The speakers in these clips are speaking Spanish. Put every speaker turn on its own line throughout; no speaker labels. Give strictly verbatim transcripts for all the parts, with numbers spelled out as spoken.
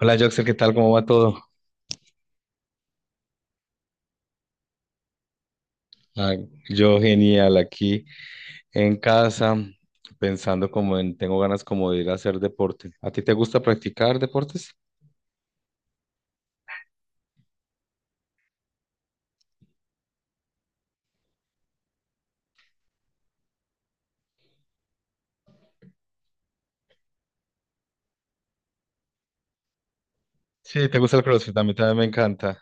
Hola, Joxer, ¿qué tal? ¿Cómo va todo? Ah, yo genial, aquí en casa, pensando como en, tengo ganas como de ir a hacer deporte. ¿A ti te gusta practicar deportes? Sí, te gusta el CrossFit, a mí también me encanta.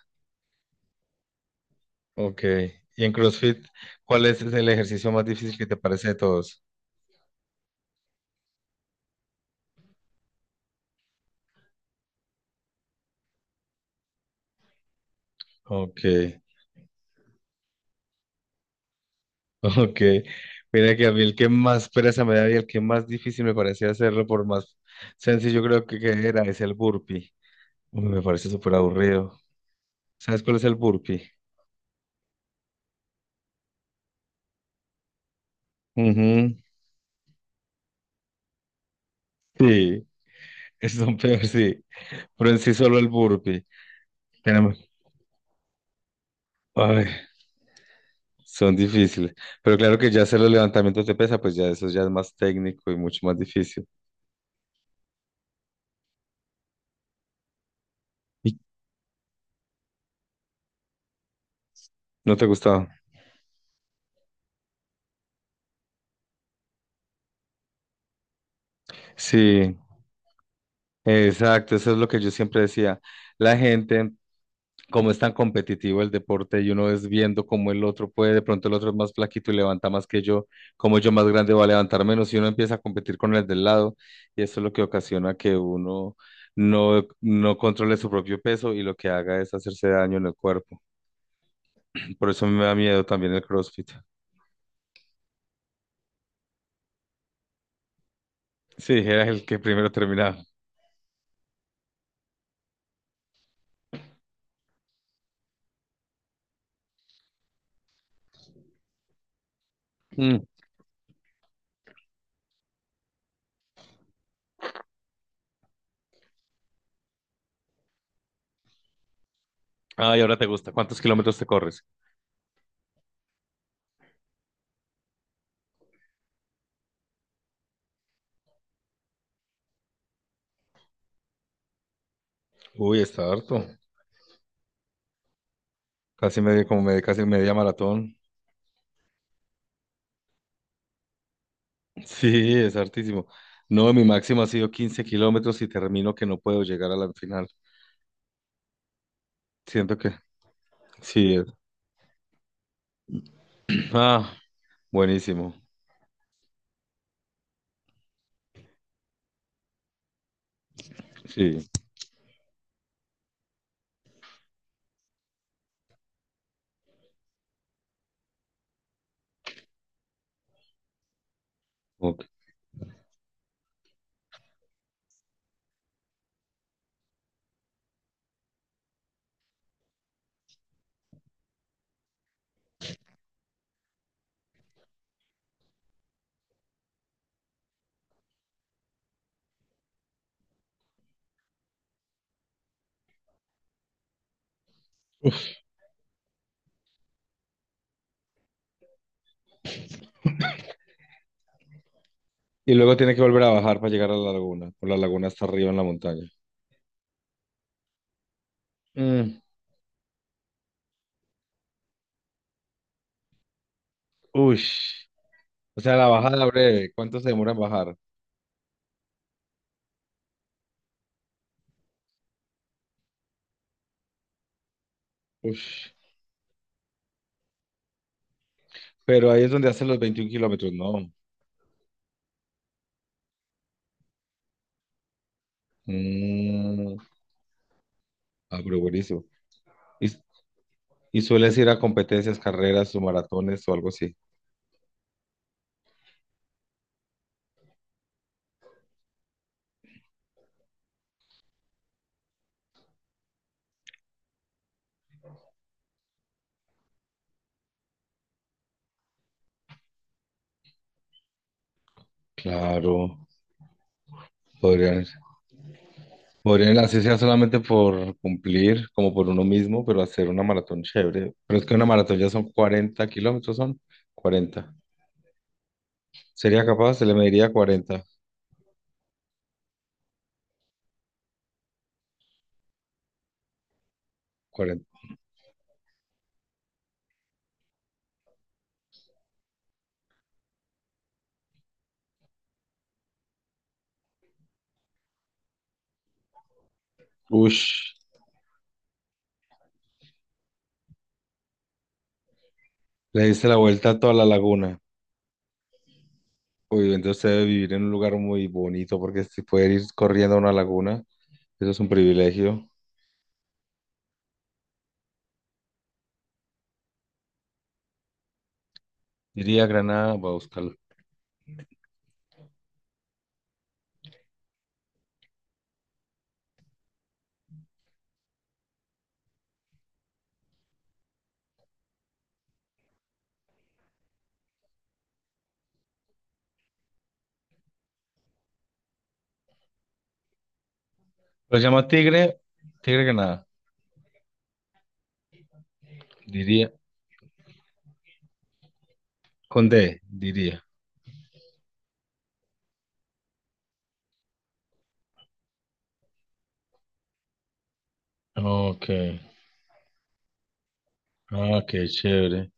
Ok, y en CrossFit, ¿cuál es el ejercicio más difícil que te parece de todos? Ok, ok. Mira que a mí el que más pereza me da y el que más difícil me parecía hacerlo, por más sencillo creo que, que era, es el burpee. Uy, me parece súper aburrido. ¿Sabes cuál es el burpee? Ujú. Sí, esos son peores, sí. Pero en sí solo el burpee. Tenemos, ay, son difíciles. Pero claro que ya hacer los levantamientos de pesa, pues ya eso ya es más técnico y mucho más difícil. ¿Y ¿No te gustaba? Sí, exacto, eso es lo que yo siempre decía. La gente como es tan competitivo el deporte y uno es viendo cómo el otro puede, de pronto el otro es más flaquito y levanta más que yo, como yo más grande va a levantar menos y uno empieza a competir con el del lado y eso es lo que ocasiona que uno no, no controle su propio peso y lo que haga es hacerse daño en el cuerpo. Por eso me da miedo también el CrossFit. Sí, era el que primero terminaba. Mm. Ay, ahora te gusta. ¿Cuántos kilómetros te corres? Uy, está harto. Casi medio, como medio, casi media maratón. Sí, es hartísimo. No, mi máximo ha sido quince kilómetros y termino que no puedo llegar a la final. Siento que sí. eh, Ah, buenísimo. Sí. Ok. Y luego tiene que volver a bajar para llegar a la laguna. O la laguna está arriba en la montaña. Mm, ush. O sea, la bajada breve. ¿Cuánto se demora en bajar? Ush. Pero ahí es donde hacen los veintiuno kilómetros, ¿no? Mm, ah, pero buenísimo. ¿Y, y sueles ir a competencias, carreras o maratones o algo así? Claro. Podrían. Podrían, así sea solamente por cumplir, como por uno mismo, pero hacer una maratón chévere. Pero es que una maratón ya son cuarenta kilómetros, son cuarenta. ¿Sería capaz? Se le mediría cuarenta, cuarenta. Ush, le diste la vuelta a toda la laguna. Uy, entonces debe vivir en un lugar muy bonito, porque si puede ir corriendo a una laguna, eso es un privilegio. Diría Granada, voy a buscarlo. Lo llama Tigre, Tigre Granada. Diría, con D, diría. Ok, ah, qué chévere.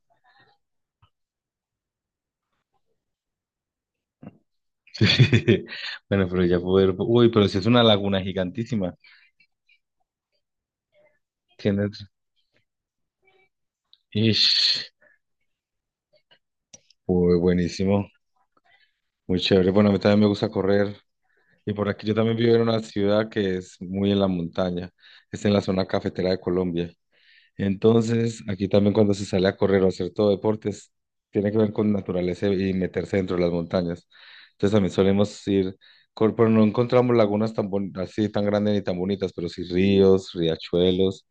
Bueno, pero ya poder. Uy, pero si es una laguna gigantísima. Tienes. Ish. Uy, buenísimo. Muy chévere. Bueno, a mí también me gusta correr. Y por aquí yo también vivo en una ciudad que es muy en la montaña. Es en la zona cafetera de Colombia. Entonces, aquí también cuando se sale a correr o hacer todo deportes, tiene que ver con naturaleza y meterse dentro de las montañas. Entonces también solemos ir, cor- pero no encontramos lagunas tan bon- así tan grandes ni tan bonitas, pero sí ríos, riachuelos,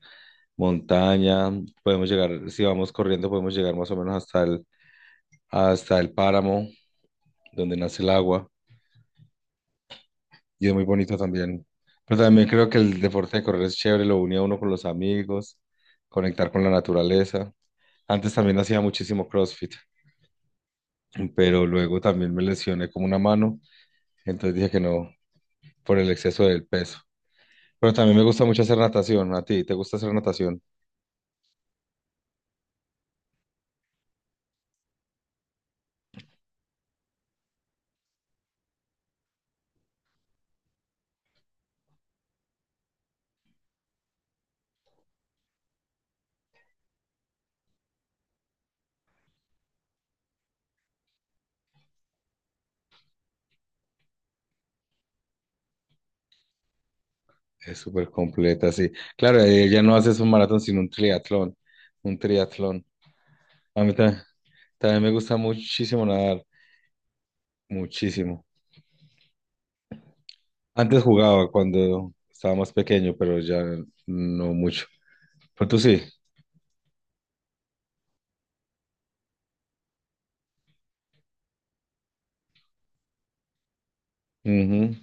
montaña. Podemos llegar, si vamos corriendo, podemos llegar más o menos hasta el, hasta el páramo donde nace el agua y es muy bonito también. Pero también creo que el deporte de correr es chévere, lo une a uno con los amigos, conectar con la naturaleza. Antes también hacía muchísimo CrossFit, pero luego también me lesioné como una mano, entonces dije que no, por el exceso del peso. Pero también me gusta mucho hacer natación. ¿A ti te gusta hacer natación? Es súper completa, sí. Claro, eh, ya no haces un maratón, sino un triatlón. Un triatlón. A mí ta- también, me gusta muchísimo nadar, muchísimo. Antes jugaba cuando estaba más pequeño, pero ya no mucho. Pero tú sí. Ujú.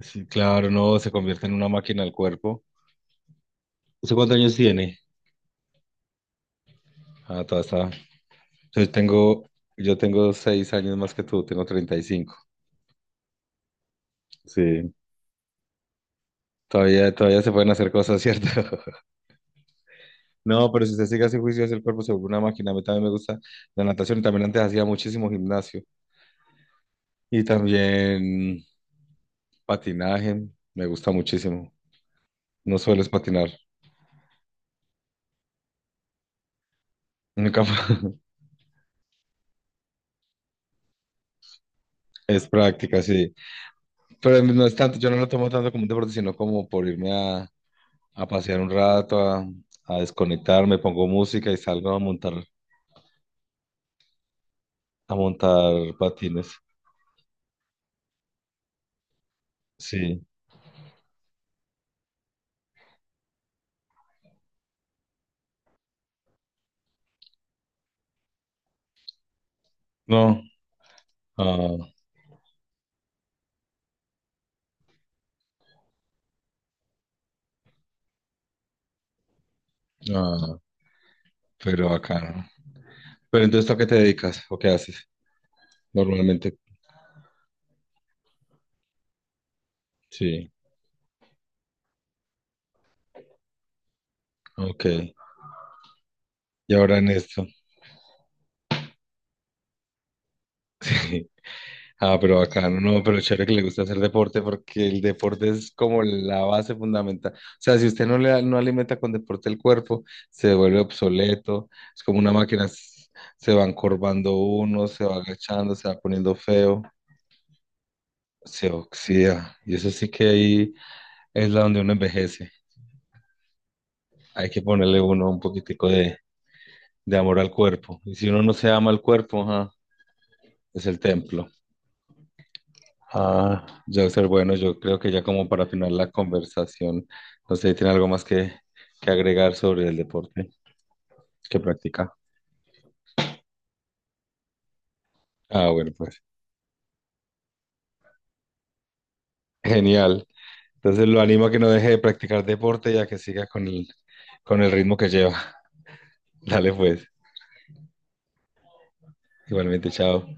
Sí, claro, no, se convierte en una máquina el cuerpo. ¿Usted cuántos años tiene? Ah, todavía está. Yo tengo, yo tengo seis años más que tú, tengo treinta y cinco. Sí, todavía, todavía se pueden hacer cosas, ¿cierto? No, pero si usted sigue así juicioso, el cuerpo se vuelve una máquina. A mí también me gusta la natación y también antes hacía muchísimo gimnasio. Y también patinaje, me gusta muchísimo. No suelo es patinar. Nunca fue- es práctica, sí. Pero no es tanto, yo no lo tomo tanto como un deporte, sino como por irme a, a pasear un rato, a, a desconectarme, pongo música y salgo a montar, a montar patines. Sí. No. Ah, ah, pero acá no. Pero entonces, ¿tú a qué te dedicas o qué haces normalmente? Sí. Ok. Y ahora en esto. Ah, pero acá no, pero chévere que le gusta hacer deporte porque el deporte es como la base fundamental. O sea, si usted no le no alimenta con deporte el cuerpo, se vuelve obsoleto, es como una máquina, s- se va encorvando uno, se va agachando, se va poniendo feo, se oxida. Y eso sí que ahí es la donde uno envejece. Hay que ponerle uno un poquitico de, de amor al cuerpo. Y si uno no se ama al cuerpo, ajá, es el templo. Ah, Joxer, bueno, yo creo que ya como para finalizar la conversación, no sé, si ¿tiene algo más que, que agregar sobre el deporte que practica? Ah, bueno, pues genial. Entonces lo animo a que no deje de practicar deporte y a que siga con el, con el ritmo que lleva. Dale pues, igualmente, chao.